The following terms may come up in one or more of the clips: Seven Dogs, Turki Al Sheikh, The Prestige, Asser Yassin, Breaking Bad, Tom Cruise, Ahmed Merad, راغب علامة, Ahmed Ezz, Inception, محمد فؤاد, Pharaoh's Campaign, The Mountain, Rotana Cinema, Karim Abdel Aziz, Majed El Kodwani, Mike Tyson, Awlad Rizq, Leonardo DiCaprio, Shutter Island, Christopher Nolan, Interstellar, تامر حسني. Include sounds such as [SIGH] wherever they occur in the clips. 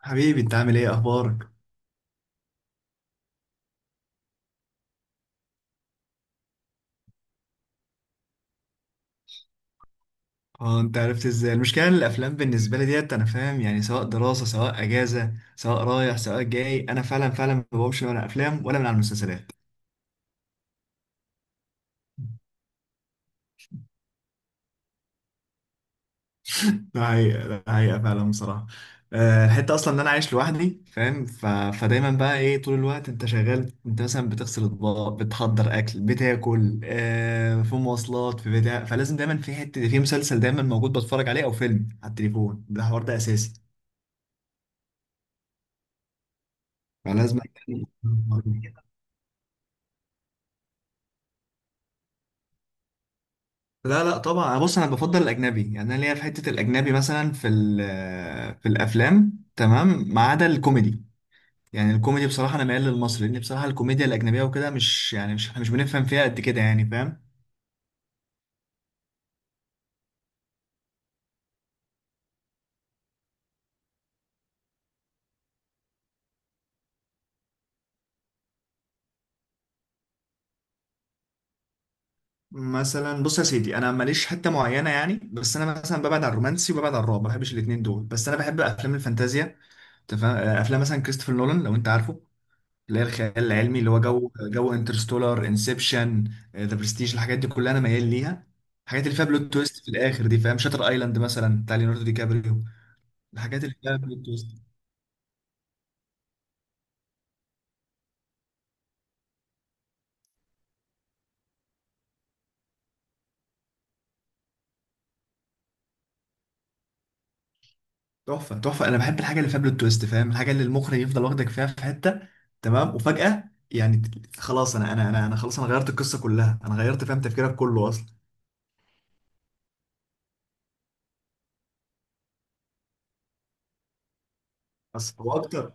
حبيبي انت عامل ايه اخبارك؟ اه انت عرفت ازاي؟ المشكله ان الافلام بالنسبه لي ديت انا فاهم، يعني سواء دراسه سواء اجازه سواء رايح سواء جاي، انا فعلا ما بقومش من افلام ولا من على المسلسلات. ده حقيقة فعلا بصراحة. الحتة أصلا إن أنا عايش لوحدي فاهم، ف... فدايما بقى إيه، طول الوقت أنت شغال، أنت مثلا بتغسل أطباق، بتحضر أكل، بتاكل، في مواصلات، في بتاع، فلازم دايما في حتة، في مسلسل دايما موجود بتفرج عليه أو فيلم على التليفون. ده حوار ده أساسي، فلازم. [LAUGHS] لا لا طبعا، بص انا بفضل الاجنبي، يعني انا ليا في حته الاجنبي مثلا في في الافلام تمام، ما عدا الكوميدي. يعني الكوميدي بصراحه انا ميال للمصري، لان بصراحه الكوميديا الاجنبيه وكده مش احنا مش بنفهم فيها قد كده، يعني فاهم. مثلا بص يا سيدي، انا ماليش حته معينه يعني، بس انا مثلا ببعد عن الرومانسي وببعد عن الرعب، ما بحبش الاثنين دول، بس انا بحب افلام الفانتازيا. تفهم، افلام مثلا كريستوفر نولان لو انت عارفه، اللي هي الخيال العلمي، اللي هو جو انترستولار، انسبشن، ذا برستيج، الحاجات دي كلها انا ميال ليها. الحاجات اللي فيها بلوت تويست في الاخر دي فاهم، شاتر ايلاند مثلا بتاع ليوناردو دي كابريو. الحاجات اللي فيها بلوت تويست تحفه تحفه. انا بحب الحاجه اللي فيها بلوت تويست فاهم، الحاجه اللي المخرج يفضل واخدك فيها في حته تمام وفجاه، يعني خلاص انا غيرت القصه كلها، انا غيرت فاهم تفكيرك كله اصلا. بس هو اكتر،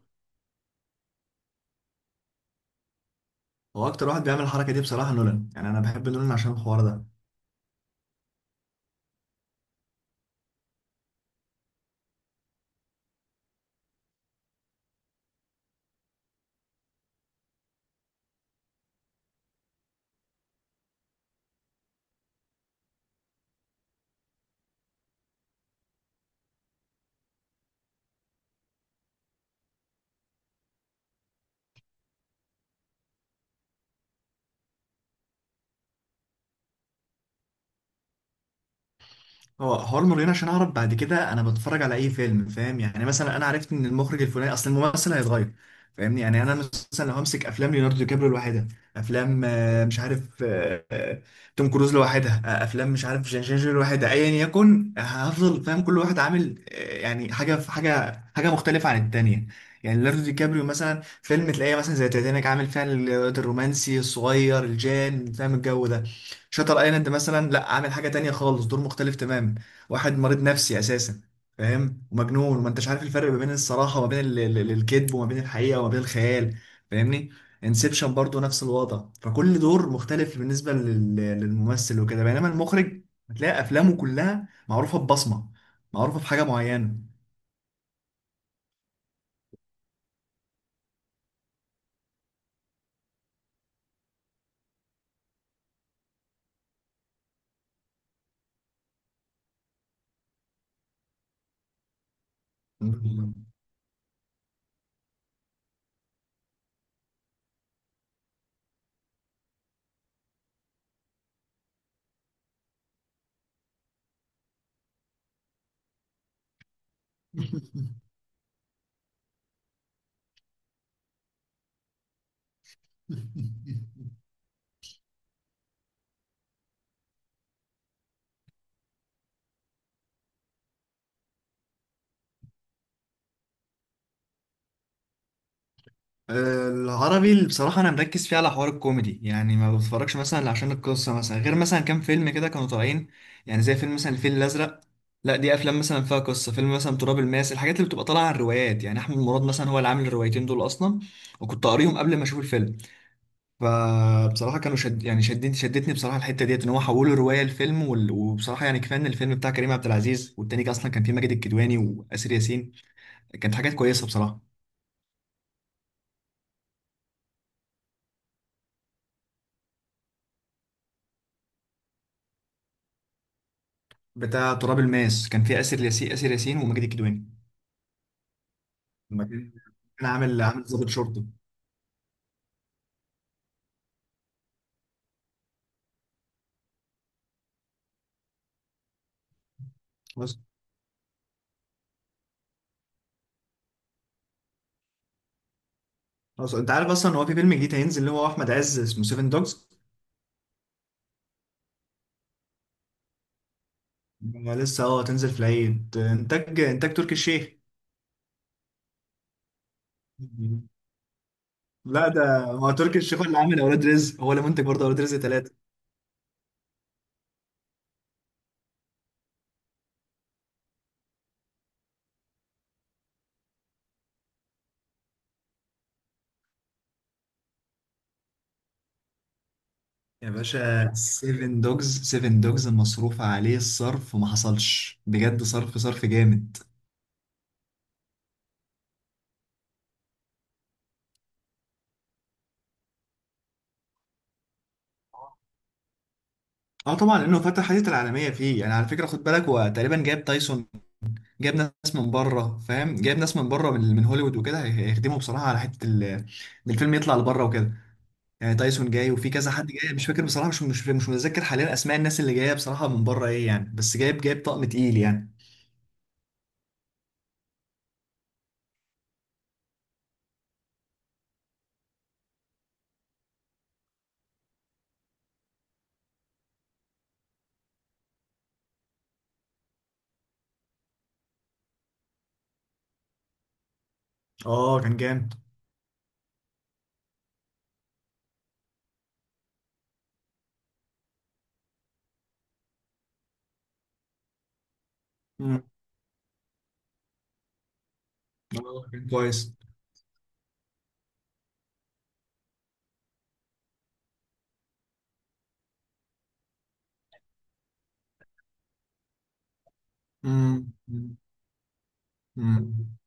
هو اكتر واحد بيعمل الحركه دي بصراحه نولان، يعني انا بحب نولان عشان الحوار ده. هو حوار مريان عشان اعرف بعد كده انا بتفرج على اي فيلم فاهم، يعني مثلا انا عرفت ان المخرج الفلاني، اصل الممثل هيتغير فاهمني، يعني انا مثلا لو همسك افلام ليوناردو دي كابريو لوحدها، افلام مش عارف، توم كروز لوحدها، افلام مش عارف جان جينجر لوحدها ايا يكن، هفضل فاهم كل واحد عامل يعني حاجه في حاجه، حاجه مختلفه عن التانيه. يعني ليوناردو دي كابريو مثلا فيلم تلاقيه مثلا زي تيتانيك عامل فيها الرومانسي الصغير الجان فاهم الجو ده، شاتر ايلاند مثلا لا عامل حاجه تانية خالص، دور مختلف تماما، واحد مريض نفسي اساسا فاهم ومجنون وما انتش عارف الفرق ما بين الصراحه وما بين الكذب، وما بين الحقيقه وما بين الخيال، فاهمني. انسبشن برضو نفس الوضع، فكل دور مختلف بالنسبه للممثل وكده، بينما المخرج هتلاقي افلامه كلها معروفه ببصمه، معروفه بحاجه معينه. [LAUGHS] العربي اللي بصراحة أنا مركز فيه على حوار الكوميدي، يعني ما بتفرجش مثلا إلا عشان القصة مثلا، غير مثلا كام فيلم كده كانوا طالعين، يعني زي فيلم مثلا الفيل الأزرق. لا دي أفلام مثلا فيها قصة، فيلم مثلا تراب الماس، الحاجات اللي بتبقى طالعة عن روايات، يعني أحمد مراد مثلا هو اللي عامل الروايتين دول أصلا، وكنت قاريهم قبل ما أشوف الفيلم. فبصراحة كانوا شد، يعني شدتني بصراحة الحتة ديت إن هو حولوا رواية لفيلم وبصراحة يعني كفاية إن الفيلم بتاع كريم عبد العزيز، والتاني كان أصلا كان فيه ماجد الكدواني وآسر ياسين، كانت حاجات كويسة بصراحة. بتاع تراب الماس كان فيه آسر ياسين، آسر ياسين وماجد الكدواني لما كان كان عامل ضابط شرطة. بس بس انت عارف اصلا ان هو في فيلم جديد هينزل، اللي هو احمد عز، اسمه سيفن دوجز. لسه اه تنزل في العيد، انتاج تركي الشيخ. لا ده هو تركي الشيخ هو اللي عامل اولاد رزق، هو اللي منتج برضه اولاد رزق ثلاثة. يا باشا سيفن دوجز، سيفن دوجز مصروف عليه الصرف ما حصلش بجد، صرف صرف جامد. اه طبعا لانه فتح حديث العالميه فيه، يعني على فكره خد بالك هو تقريبا جاب تايسون، جايب ناس من بره فاهم، جايب ناس من بره من هوليوود وكده، هيخدموا بصراحه على حته ان الفيلم يطلع لبره وكده، يعني تايسون جاي وفي كذا حد جاي مش فاكر بصراحه، مش متذكر حاليا اسماء الناس اللي جايه بصراحه من بره ايه يعني، بس جايب طقم تقيل يعني. اه كان جامد. امم. اه كان كويس. امم.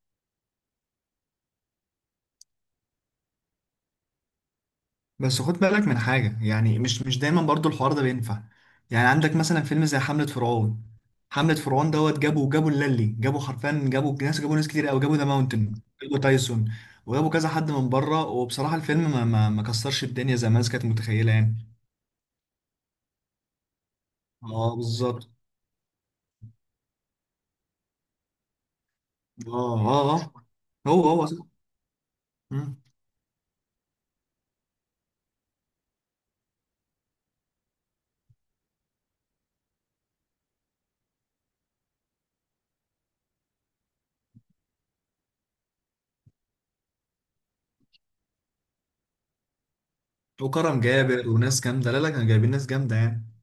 بس خد بالك من حاجة، يعني مش دايما برضو الحوار ده بينفع، يعني عندك مثلا فيلم زي حملة فرعون. حملة فرعون دوت جابوا اللالي جابوا حرفيا، جابوا ناس، جابوا ناس كتير قوي، جابوا ذا ماونتن، جابوا تايسون، وجابوا كذا حد من بره، وبصراحة الفيلم ما كسرش الدنيا زي ما الناس كانت متخيلة يعني. اه بالظبط. اه اه هو هو صح. مم. وكرم جابر وناس جامدة، لا لا كانوا جايبين ناس جامدة يعني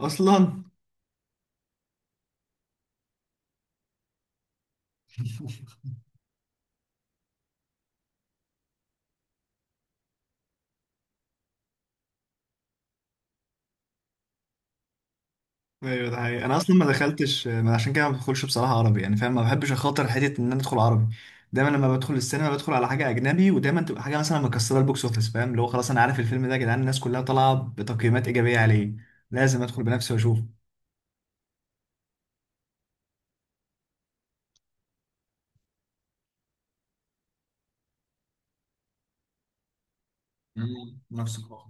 اصلا. ايوه ده حقيقي، انا اصلا ما دخلتش، ما عشان كده ما بدخلش بصراحه عربي، يعني فاهم ما بحبش اخاطر حته ان انا ادخل عربي. دايما لما بدخل السينما بدخل على حاجه اجنبي، ودايما تبقى حاجه مثلا مكسره البوكس اوفيس فاهم، اللي هو خلاص انا عارف الفيلم ده يا جدعان، الناس كلها طالعه بتقييمات ايجابيه عليه، لازم ادخل بنفسي واشوفه. مم، نفس الحوار.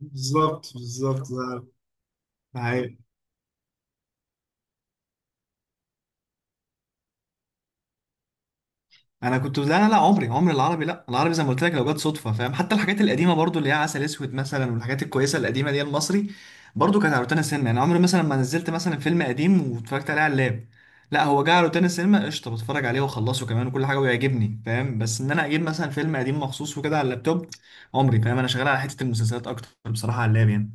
بالظبط ده، ده حقيقي. انا كنت لا عمري العربي، لا العربي زي ما قلت لك لو جت صدفه فاهم، حتى الحاجات القديمه برضو اللي هي عسل اسود مثلا والحاجات الكويسه القديمه دي المصري، برضو كانت على روتانا السينما يعني. عمري مثلا ما نزلت مثلا فيلم قديم واتفرجت عليه على اللاب، لا هو جه على روتانا السينما قشطه بتفرج عليه واخلصه كمان وكل حاجه ويعجبني فاهم، بس ان انا اجيب مثلا فيلم قديم مخصوص وكده على اللابتوب، عمري فاهم. انا شغال على حته المسلسلات اكتر بصراحه على اللاب يعني.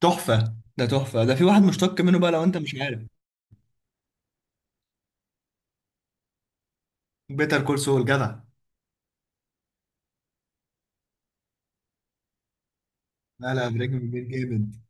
تحفه ده تحفه ده، في واحد مشتق منه بقى لو انت مش عارف، بيتر كول سول جدع. لا لا بريكنج باد جامد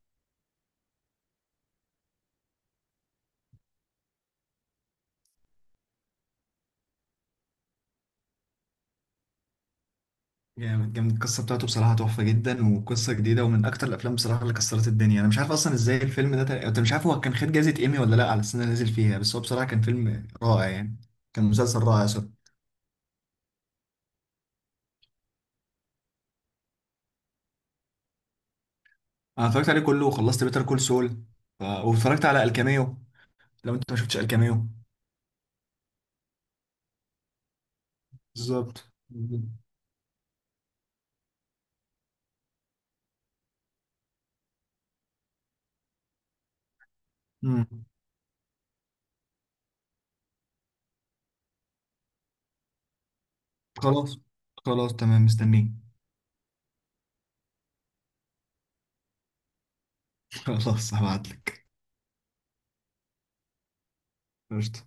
جامد جامد، القصة بتاعته بصراحة تحفة جدا وقصة جديدة، ومن أكتر الأفلام بصراحة اللي كسرت الدنيا. أنا مش عارف أصلا إزاي الفيلم ده أنت مش عارف هو كان خد جايزة إيمي ولا لأ على السنة اللي نزل فيها، بس هو بصراحة كان فيلم رائع يعني، كان مسلسل رائع سوري. أنا اتفرجت عليه كله وخلصت بيتر كول سول، واتفرجت على الكاميو، لو أنت ما شفتش الكاميو. بالظبط. مم. خلاص. خلاص تمام مستنيك. [LAUGHS] خلاص هبعتلك. قشطة.